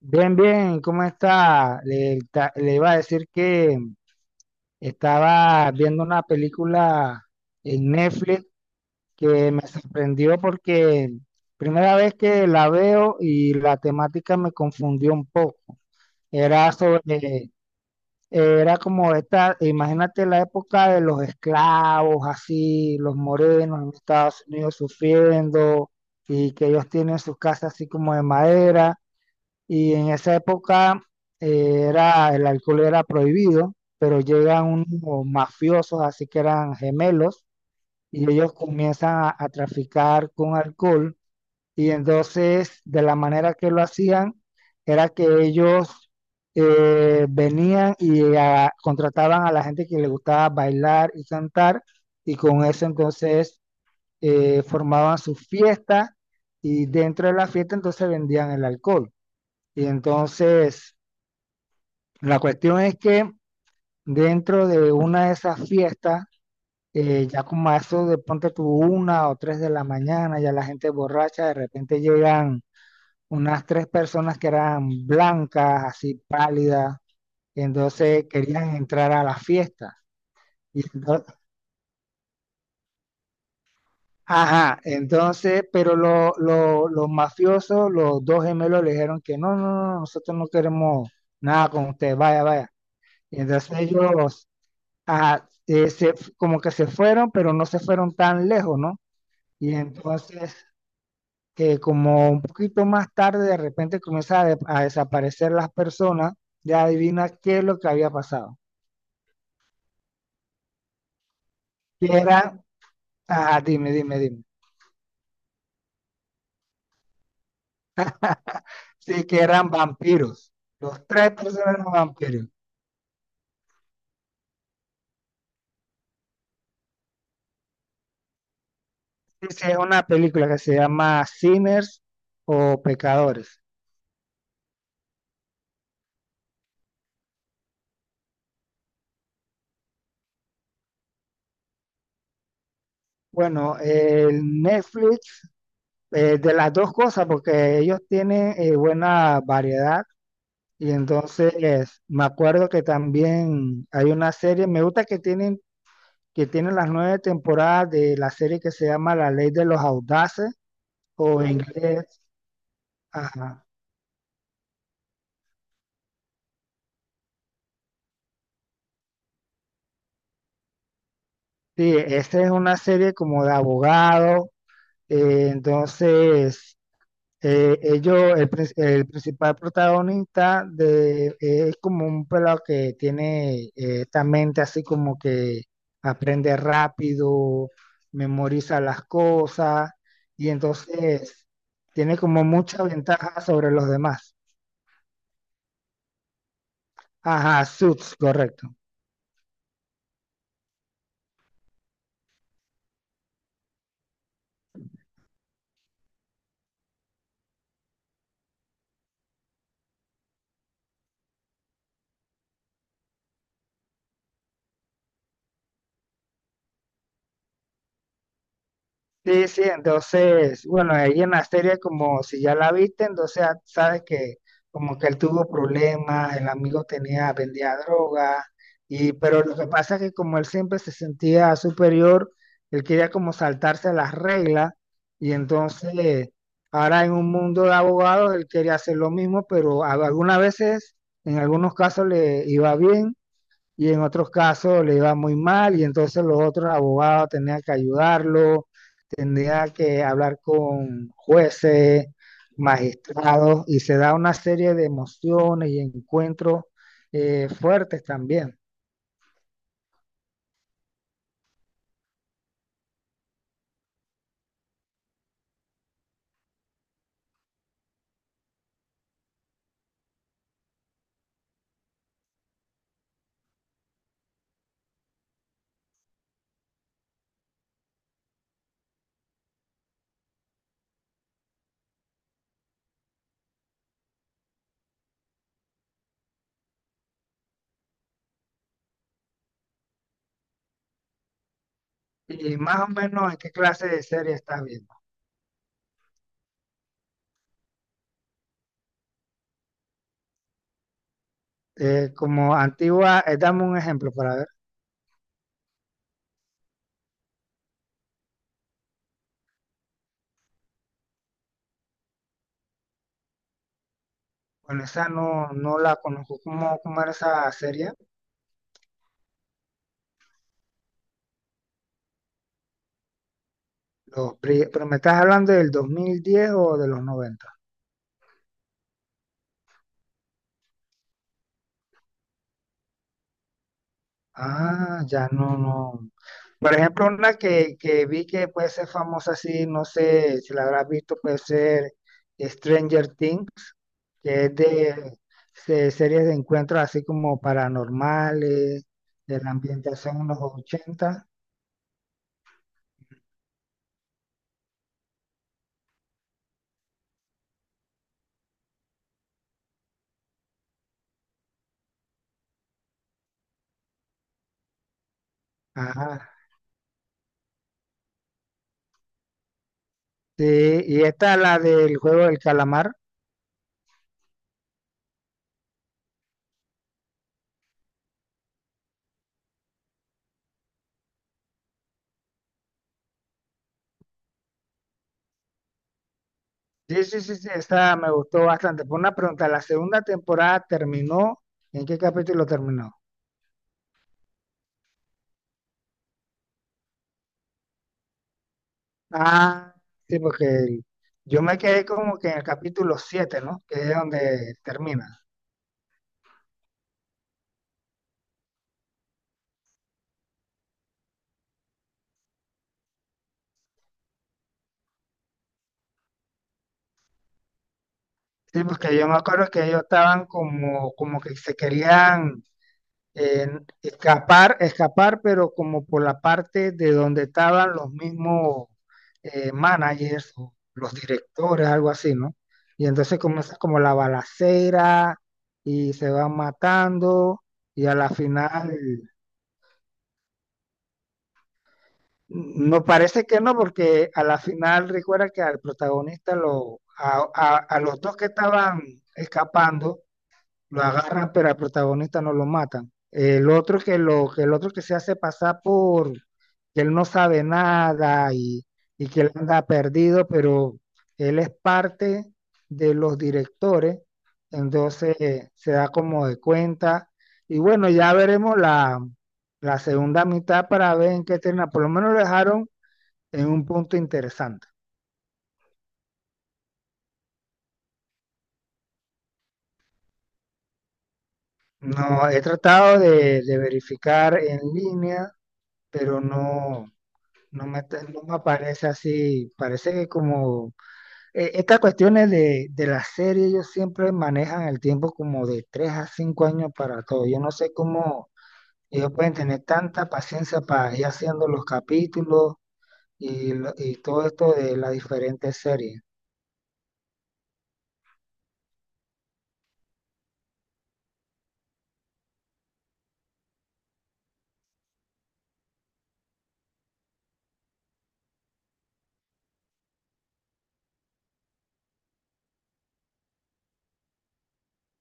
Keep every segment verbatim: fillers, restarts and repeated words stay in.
Bien, bien, ¿cómo está? Le, ta- le iba a decir que estaba viendo una película en Netflix que me sorprendió porque primera vez que la veo y la temática me confundió un poco. Era sobre, era como esta, imagínate la época de los esclavos, así, los morenos en Estados Unidos sufriendo y que ellos tienen sus casas así como de madera. Y en esa época eh, era, el alcohol era prohibido, pero llegan unos mafiosos, así que eran gemelos, y ellos comienzan a, a traficar con alcohol. Y entonces, de la manera que lo hacían, era que ellos eh, venían y ah, contrataban a la gente que le gustaba bailar y cantar, y con eso entonces eh, formaban sus fiestas, y dentro de la fiesta entonces vendían el alcohol. Y entonces la cuestión es que dentro de una de esas fiestas, eh, ya como a eso de ponte tú una o tres de la mañana, ya la gente borracha, de repente llegan unas tres personas que eran blancas, así pálidas, y entonces querían entrar a la fiesta. Y ento- ajá, entonces, pero lo- lo- los mafiosos, los dos gemelos le dijeron que no, no, no, nosotros no queremos nada con usted, vaya, vaya. Y entonces ellos, ajá, eh, se- como que se fueron, pero no se fueron tan lejos, ¿no? Y entonces, eh, como un poquito más tarde, de repente comienza a, de- a desaparecer las personas, ya adivina qué es lo que había pasado. Que eran, ajá, dime, dime, dime. Sí, que eran vampiros. Los tres personas eran vampiros. Sí, es una película que se llama Sinners o Pecadores. Bueno, el Netflix, eh, de las dos cosas, porque ellos tienen eh, buena variedad. Y entonces me acuerdo que también hay una serie, me gusta que tienen, que tienen las nueve temporadas de la serie que se llama La Ley de los Audaces, o en inglés, ajá. Sí, esta es una serie como de abogado. Eh, entonces Eh, ellos, el, prin- el principal protagonista de, es como un pelado que tiene eh, esta mente así como que aprende rápido, memoriza las cosas y entonces tiene como mucha ventaja sobre los demás. Ajá, Suits, correcto. Sí, sí, entonces, bueno, ahí en la serie como si ya la viste, entonces ya sabes que como que él tuvo problemas, el amigo tenía, vendía droga, y pero lo que pasa es que como él siempre se sentía superior, él quería como saltarse las reglas, y entonces ahora en un mundo de abogados él quería hacer lo mismo, pero a- algunas veces, en algunos casos le iba bien y en otros casos le iba muy mal y entonces los otros abogados tenían que ayudarlo, tenían que hablar con jueces, magistrados y se da una serie de emociones y encuentros eh, fuertes también. Y más o menos en qué clase de serie estás viendo. Eh, como antigua, eh, dame un ejemplo para ver. Bueno, esa no, no la conozco. ¿Cómo, cómo era esa serie? Los, pri- pero me estás hablando del dos mil diez o de los noventa. Ah, ya no, no. Por ejemplo, una que, que vi que puede ser famosa así, no sé si la habrás visto, puede ser Stranger Things, que es de, se- series de encuentros así como paranormales, de la ambientación en los ochenta. Ajá. Sí, y esta la del juego del calamar. Sí, sí, sí, sí, esta me gustó bastante. Por una pregunta, ¿la segunda temporada terminó? ¿En qué capítulo terminó? Ah, sí, porque el- yo me quedé como que en el capítulo siete, ¿no? Que es donde termina. Sí, porque yo me acuerdo que ellos estaban como, como que se querían eh, escapar, escapar, pero como por la parte de donde estaban los mismos eh, managers, o los directores, algo así, ¿no? Y entonces comienza como la balacera y se van matando y a la final... Mm, no parece que no, porque a la final recuerda que al protagonista, lo, a, a- a los dos que estaban escapando, lo agarran, pero al protagonista no lo matan. El otro que lo, que el otro que se hace pasar por que él no sabe nada y, y que él anda perdido, pero él es parte de los directores, entonces eh, se da como de cuenta. Y bueno, ya veremos la, la segunda mitad para ver en qué termina. Por lo menos lo dejaron en un punto interesante. No, he tratado de, de verificar en línea, pero no. No me, te- no me parece así, parece que como eh, estas cuestiones de, de la serie, ellos siempre manejan el tiempo como de tres a cinco años para todo. Yo no sé cómo ellos pueden tener tanta paciencia para ir haciendo los capítulos y, lo- y todo esto de las diferentes series.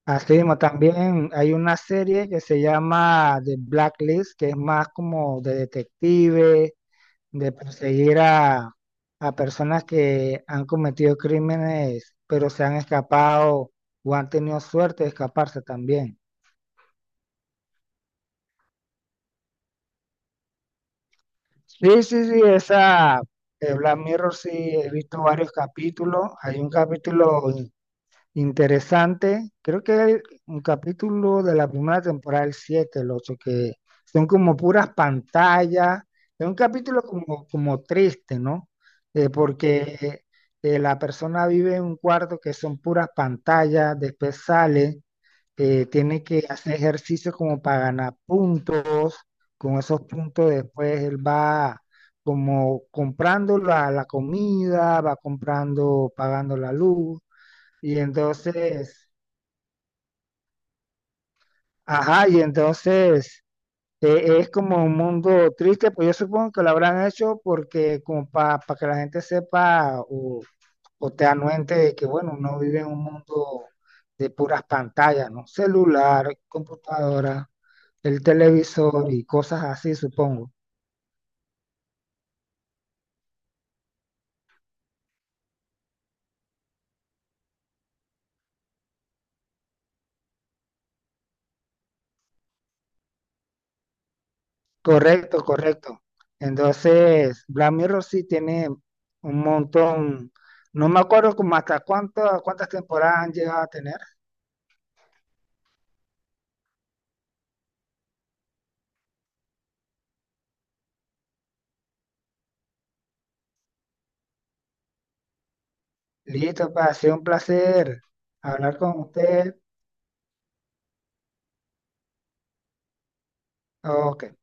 Así mismo, también hay una serie que se llama The Blacklist, que es más como de detective de perseguir a, a personas que han cometido crímenes, pero se han escapado o han tenido suerte de escaparse también. Sí, sí, sí, esa, eh, Black Mirror sí he visto varios capítulos. Hay un capítulo interesante, creo que hay un capítulo de la primera temporada, el siete el ocho que son como puras pantallas, es un capítulo como, como triste, ¿no? Eh, porque eh, la persona vive en un cuarto que son puras pantallas, después sale, eh, tiene que hacer ejercicio como para ganar puntos, con esos puntos después él va como comprando la, la comida, va comprando, pagando la luz y entonces, ajá, y entonces eh, es como un mundo triste, pues yo supongo que lo habrán hecho porque como para que la gente sepa o, o te anuente de que, bueno, uno vive en un mundo de puras pantallas, ¿no? Celular, computadora, el televisor y cosas así, supongo. Correcto, correcto. Entonces, Black Mirror sí tiene un montón, no me acuerdo como hasta cuánto, cuántas temporadas han llegado a tener. Listo, pa, ha sido un placer hablar con usted. Ok.